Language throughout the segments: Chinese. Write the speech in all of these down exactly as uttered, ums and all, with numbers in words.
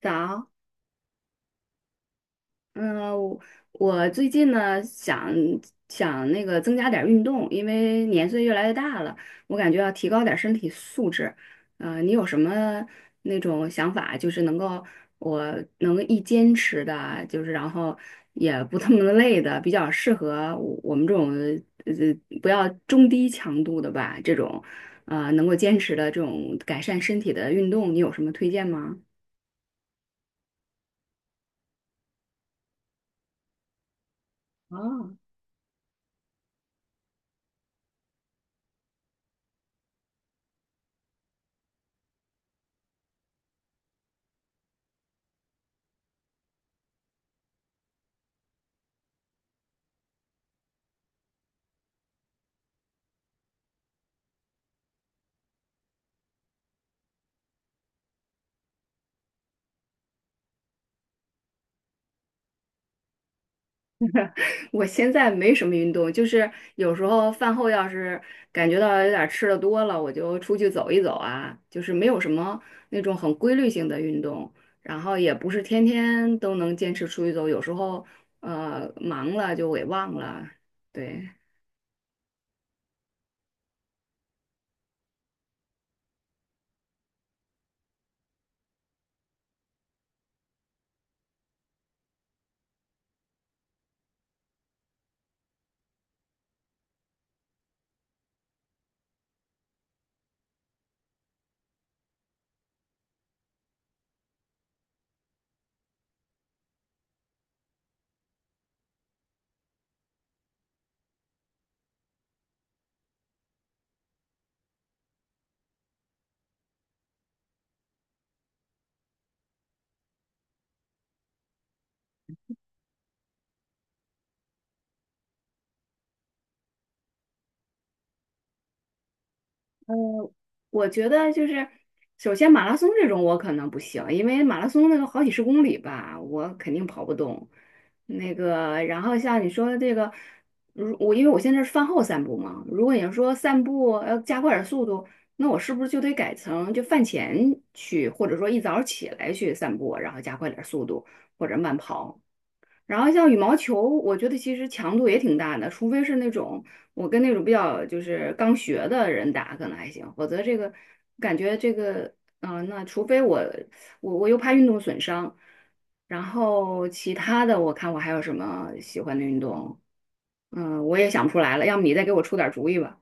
早，嗯，我我最近呢想想那个增加点儿运动，因为年岁越来越大了，我感觉要提高点儿身体素质。呃，你有什么那种想法，就是能够我能一坚持的，就是然后也不那么累的，比较适合我我们这种呃不要中低强度的吧，这种呃能够坚持的这种改善身体的运动，你有什么推荐吗？啊。我现在没什么运动，就是有时候饭后要是感觉到有点儿吃的多了，我就出去走一走啊，就是没有什么那种很规律性的运动，然后也不是天天都能坚持出去走，有时候呃忙了就给忘了，对。我觉得就是，首先马拉松这种我可能不行，因为马拉松那个好几十公里吧，我肯定跑不动。那个，然后像你说的这个，如我因为我现在是饭后散步嘛，如果你说散步要加快点速度，那我是不是就得改成就饭前去，或者说一早起来去散步，然后加快点速度或者慢跑？然后像羽毛球，我觉得其实强度也挺大的，除非是那种我跟那种比较就是刚学的人打可能还行，否则这个感觉这个嗯、呃那除非我我我又怕运动损伤，然后其他的我看我还有什么喜欢的运动，嗯、我也想不出来了，要么你再给我出点主意吧。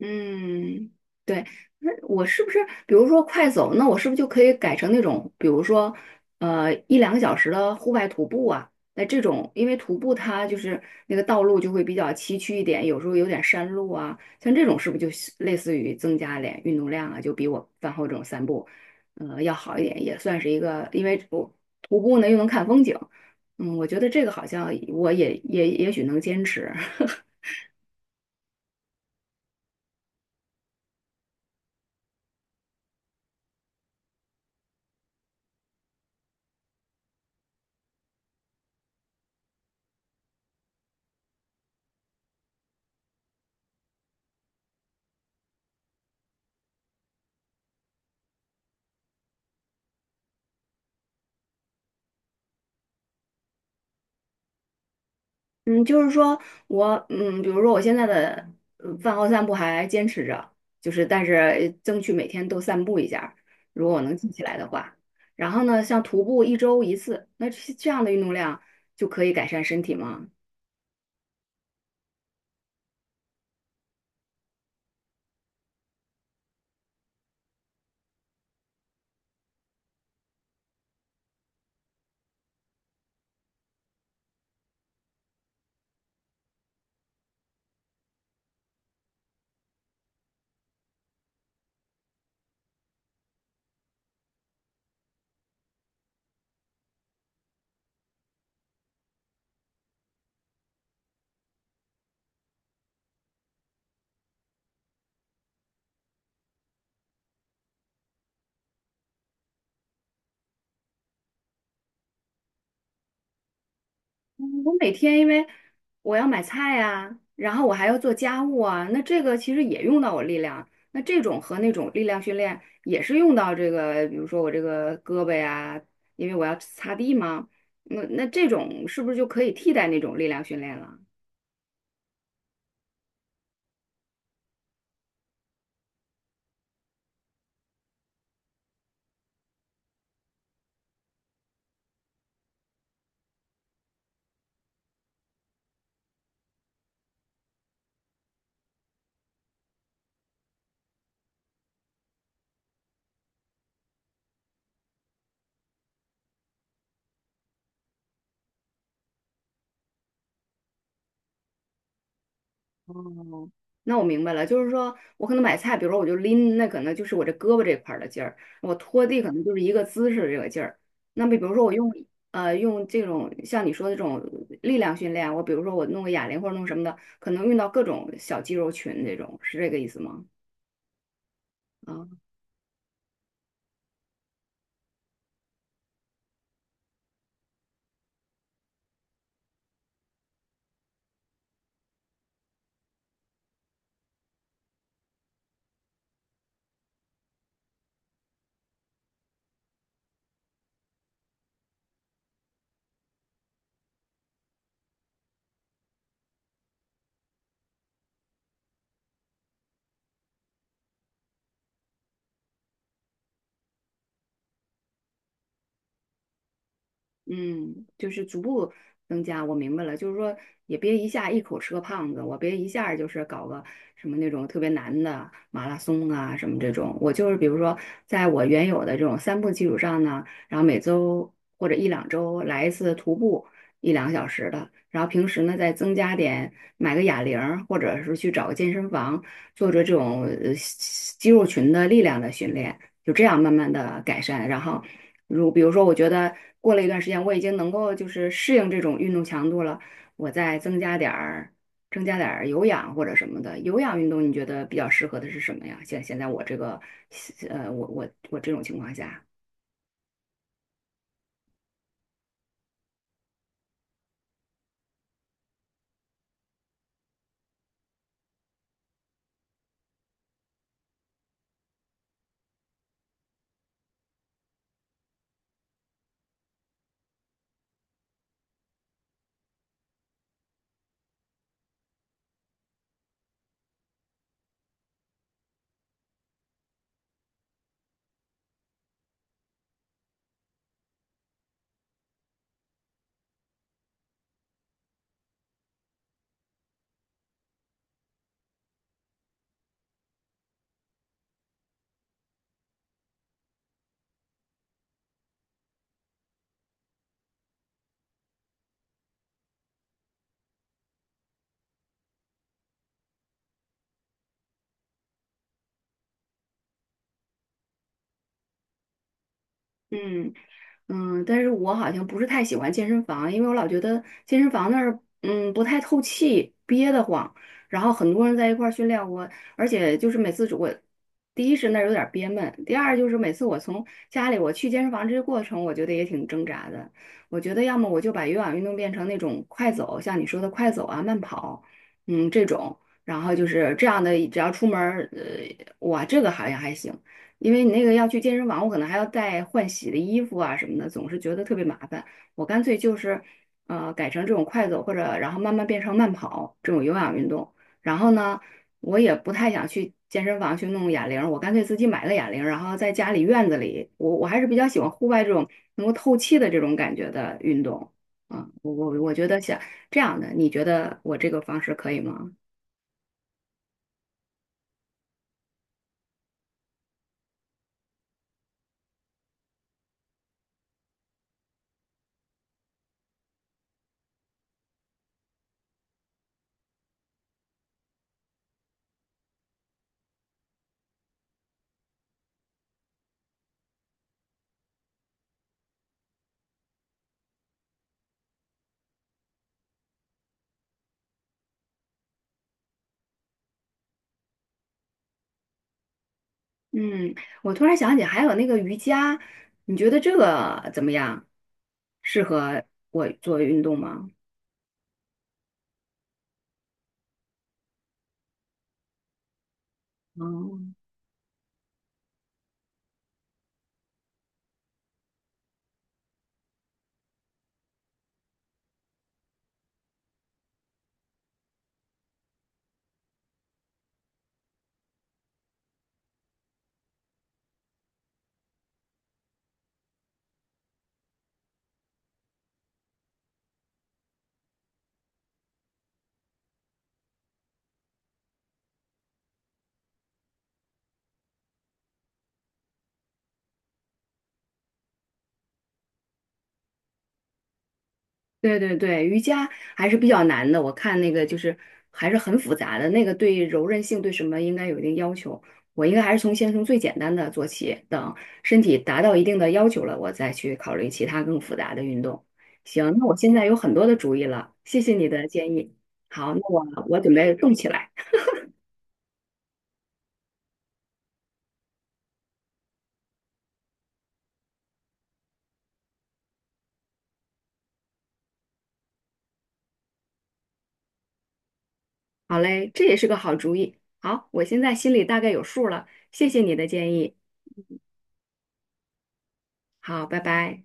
嗯，对，那我是不是，比如说快走，那我是不是就可以改成那种，比如说，呃，一两个小时的户外徒步啊？那这种，因为徒步它就是那个道路就会比较崎岖一点，有时候有点山路啊，像这种是不是就是类似于增加点运动量啊？就比我饭后这种散步，呃，要好一点，也算是一个，因为我徒步呢又能看风景，嗯，我觉得这个好像我也也也许能坚持。嗯，就是说我，嗯，比如说我现在的呃饭后散步还坚持着，就是但是呃争取每天都散步一下儿如果我能记起来的话。然后呢，像徒步一周一次，那这这样的运动量就可以改善身体吗？嗯我每天因为我要买菜呀、然后我还要做家务啊，那这个其实也用到我力量。那这种和那种力量训练也是用到这个，比如说我这个胳膊呀，因为我要擦地嘛。那那这种是不是就可以替代那种力量训练了？那我明白了，就是说我可能买菜，比如说我就拎，那可能就是我这胳膊这块儿的劲儿；我拖地可能就是一个姿势这个劲儿。那么比如说我用呃用这种像你说的这种力量训练啊，我比如说我弄个哑铃或者弄什么的，可能用到各种小肌肉群这种，是这个意思吗？啊、嗯，就是逐步增加，我明白了，就是说也别一下一口吃个胖子，我别一下儿就是搞个什么那种特别难的马拉松啊什么这种，我就是比如说在我原有的这种散步基础上呢，然后每周或者一两周来一次徒步一两个小时的，然后平时呢再增加点买个哑铃儿或者是去找个健身房做做这种呃肌肉群的力量的训练，就这样慢慢的改善，然后。如比如说，我觉得过了一段时间，我已经能够就是适应这种运动强度了，我再增加点儿，增加点儿有氧或者什么的。有氧运动你觉得比较适合的是什么呀？现现在我这个，呃，我我我这种情况下。嗯嗯，但是我好像不是太喜欢健身房，因为我老觉得健身房那儿嗯不太透气，憋得慌。然后很多人在一块儿训练我，而且就是每次我，第一是那儿有点儿憋闷，第二就是每次我从家里我去健身房这个过程，我觉得也挺挣扎的。我觉得要么我就把有氧运动变成那种快走，像你说的快走啊、慢跑，嗯这种，然后就是这样的，只要出门儿，呃，哇，这个好像还行。因为你那个要去健身房，我可能还要带换洗的衣服啊什么的，总是觉得特别麻烦。我干脆就是，呃，改成这种快走或者然后慢慢变成慢跑这种有氧运动。然后呢，我也不太想去健身房去弄哑铃，我干脆自己买了哑铃，然后在家里院子里，我我还是比较喜欢户外这种能够透气的这种感觉的运动。啊，我我我觉得想这样的，你觉得我这个方式可以吗？嗯，我突然想起还有那个瑜伽，你觉得这个怎么样？适合我做运动吗？哦，对对对，瑜伽还是比较难的，我看那个就是还是很复杂的，那个对柔韧性对什么应该有一定要求。我应该还是从先从最简单的做起，等身体达到一定的要求了，我再去考虑其他更复杂的运动。行，那我现在有很多的主意了，谢谢你的建议。好，那我我准备动起来。好嘞，这也是个好主意。好，我现在心里大概有数了，谢谢你的建议。好，拜拜。